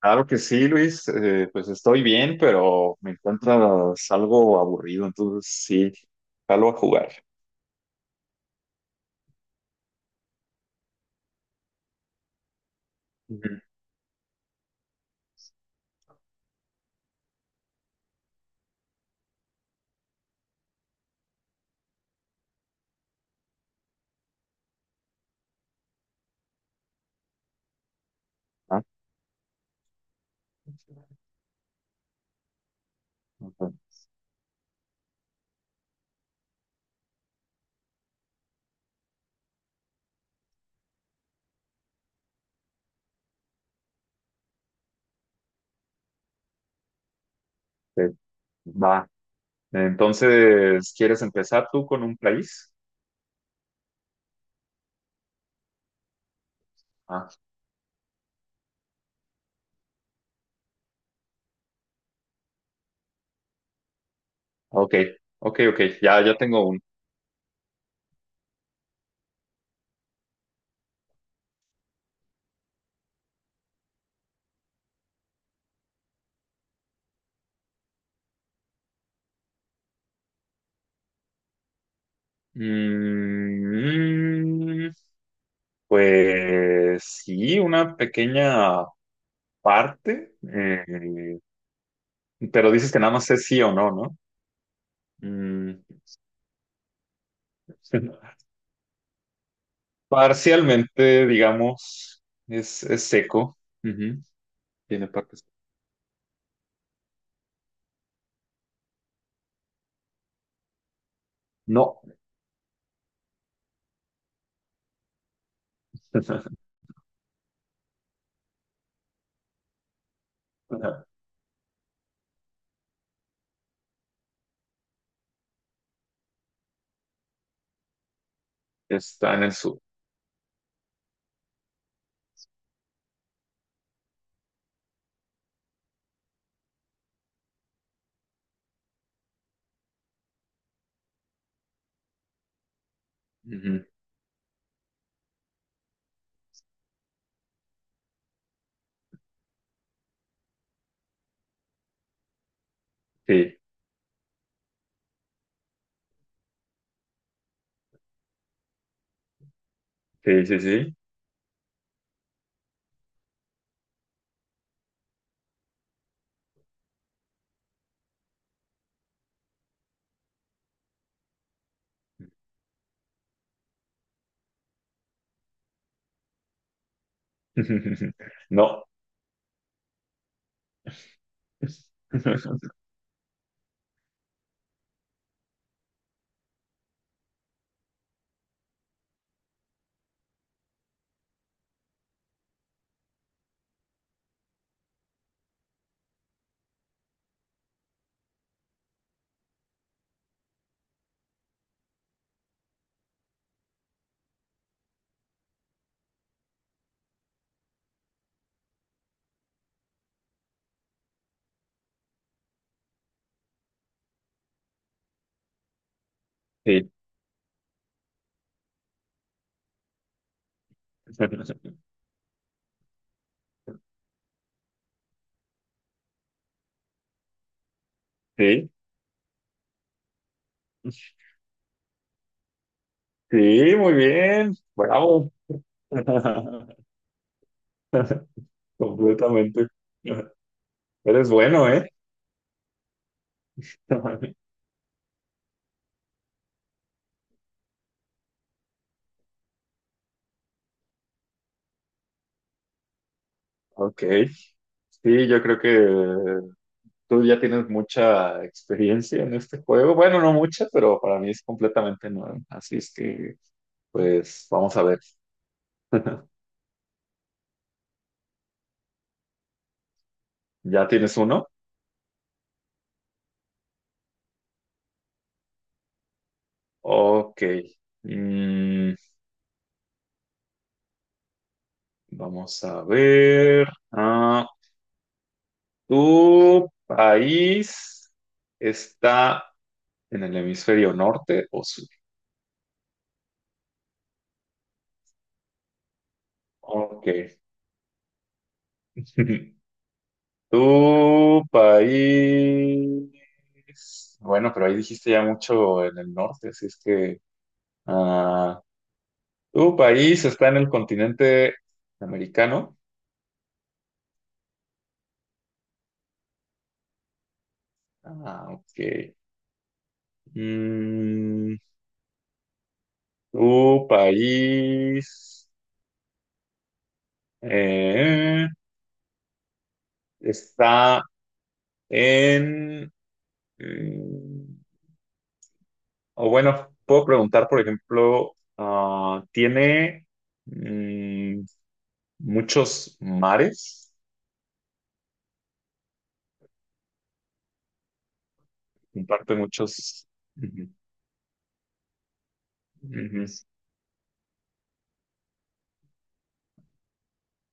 Claro que sí, Luis. Pues estoy bien, pero me encuentras algo aburrido, entonces sí, salgo a jugar. Ujú. Ah, ujú. Eh, Va. Entonces, ¿quieres empezar tú con un país? Ah, ok, ok, ok. Ya tengo uno. Mm, pues sí, una pequeña parte, pero dices que nada más es sí o no, ¿no? Mm. Parcialmente, digamos, es seco. Ujú. Tiene partes. No. Está en el sur. Ujú. Sí, sí, sí, sí. No. Sí. Sí. Sí, muy bien. Bravo. Completamente. Eres bueno, ¿eh? Ok. Sí, yo creo que tú ya tienes mucha experiencia en este juego. Bueno, no mucha, pero para mí es completamente nuevo. Así es que, pues, vamos a ver. ¿Ya tienes uno? Ok. Mm, Vamos a ver. Ah, ¿tu país está en el hemisferio norte o sur? Ok. ¿Tu país? Bueno, pero ahí dijiste ya mucho en el norte, así es que... ah, ¿Tu país está en el continente americano? Ah, ok. Mm, ¿tu país eh, está en... mm, o bueno, puedo preguntar, por ejemplo, ah, ¿tiene mm, muchos mares? Comparte muchos... Ujú, ujú.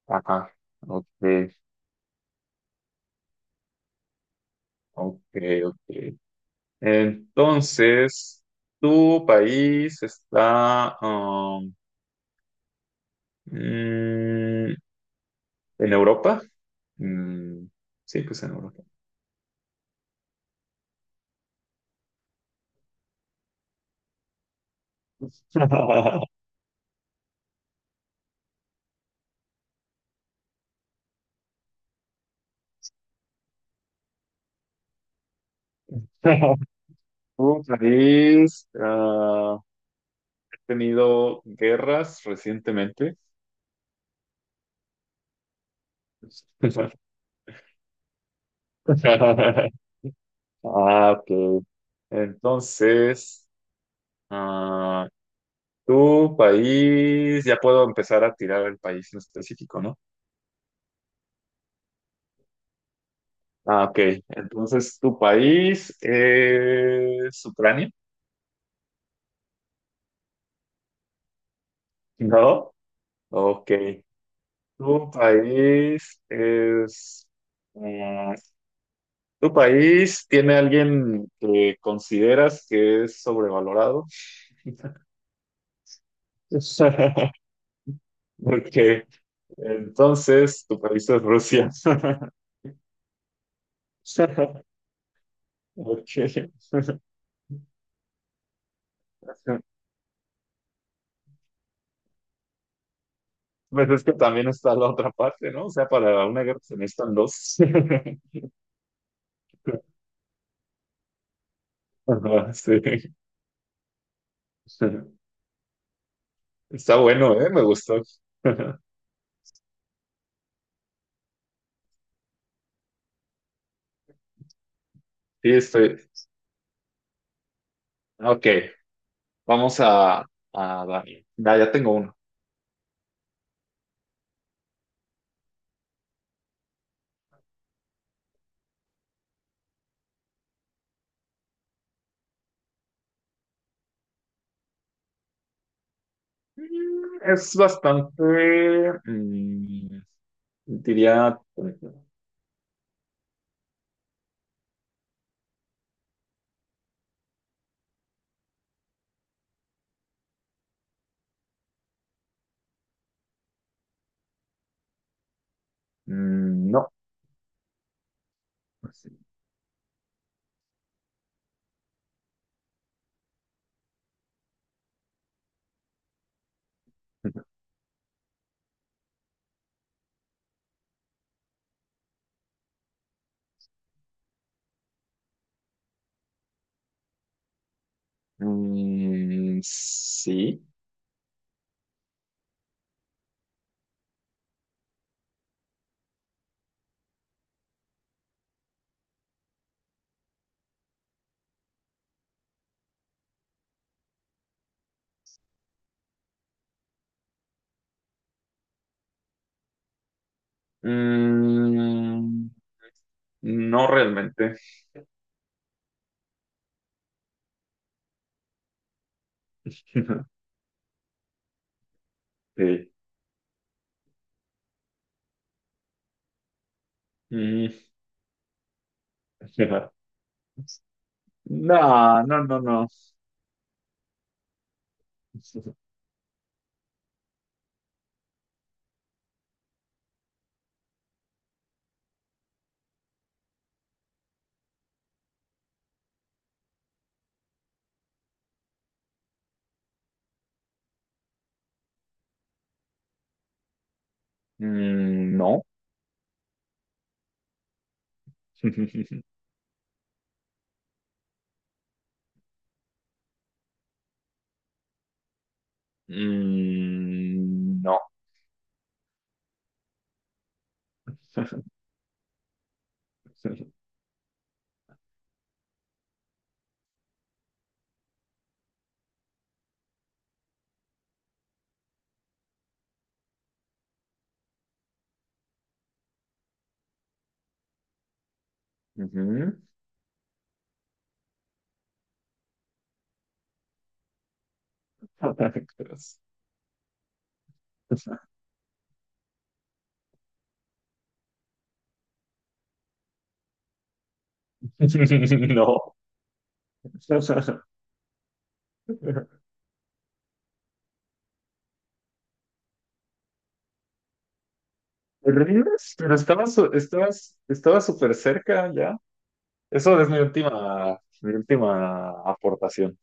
Ajá, ok, ok, ok. Entonces, ¿tu país está mm, en Europa? Mm, sí, pues en Europa. ¿Tu país ha tenido guerras recientemente? Ah, ok. Entonces, ah, tu país, ya puedo empezar a tirar el país en específico, ¿no? Ah, ok. Entonces, ¿tu país es Ucrania? No. Ok. ¿Tu país es... mm, ¿Tu país tiene alguien que consideras que es sobrevalorado? Porque entonces tu país es Rusia. Ok. Pues es que también está la otra parte, ¿no? O sea, para una guerra se necesitan dos. Ajá, sí. Está bueno, ¿eh? Me gustó. Sí, estoy. Ok, vamos a, a dar. Ya tengo uno. Mm, es bastante, mm, diría, mm, no. Mm, sí. Mm, no realmente. Sí. Mm, No, no, no, no. Mm, no. Mm, no. Ujú. No. ¿Rindes? Pero estabas súper cerca ya. Eso es mi última aportación.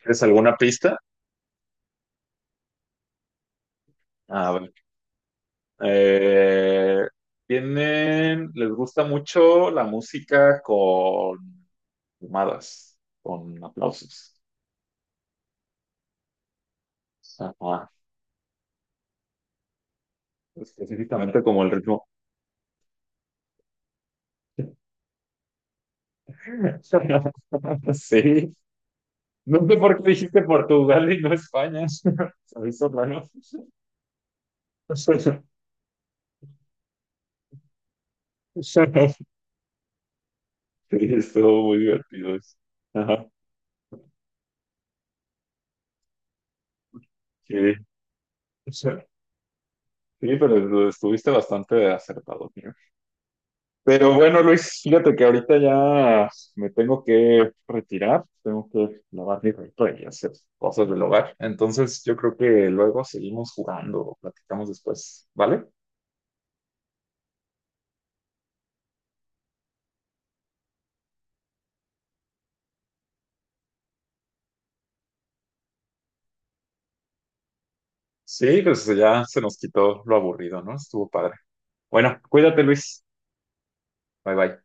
¿Tienes alguna pista? A ver. Eh, Tienen, les gusta mucho la música con fumadas, con aplausos. Ajá. Específicamente como el ritmo. Sí. No sé por qué dijiste Portugal y no España. Se me hizo raro. Sí, estuvo muy divertido eso. Ajá, sí. Sí, pero lo estuviste bastante acertado, tío. Pero bueno, Luis, fíjate que ahorita ya me tengo que retirar, tengo que lavar mi ropa y hacer cosas del hogar. Entonces, yo creo que luego seguimos jugando o platicamos después, ¿vale? Sí, pues ya se nos quitó lo aburrido, ¿no? Estuvo padre. Bueno, cuídate, Luis. Bye bye.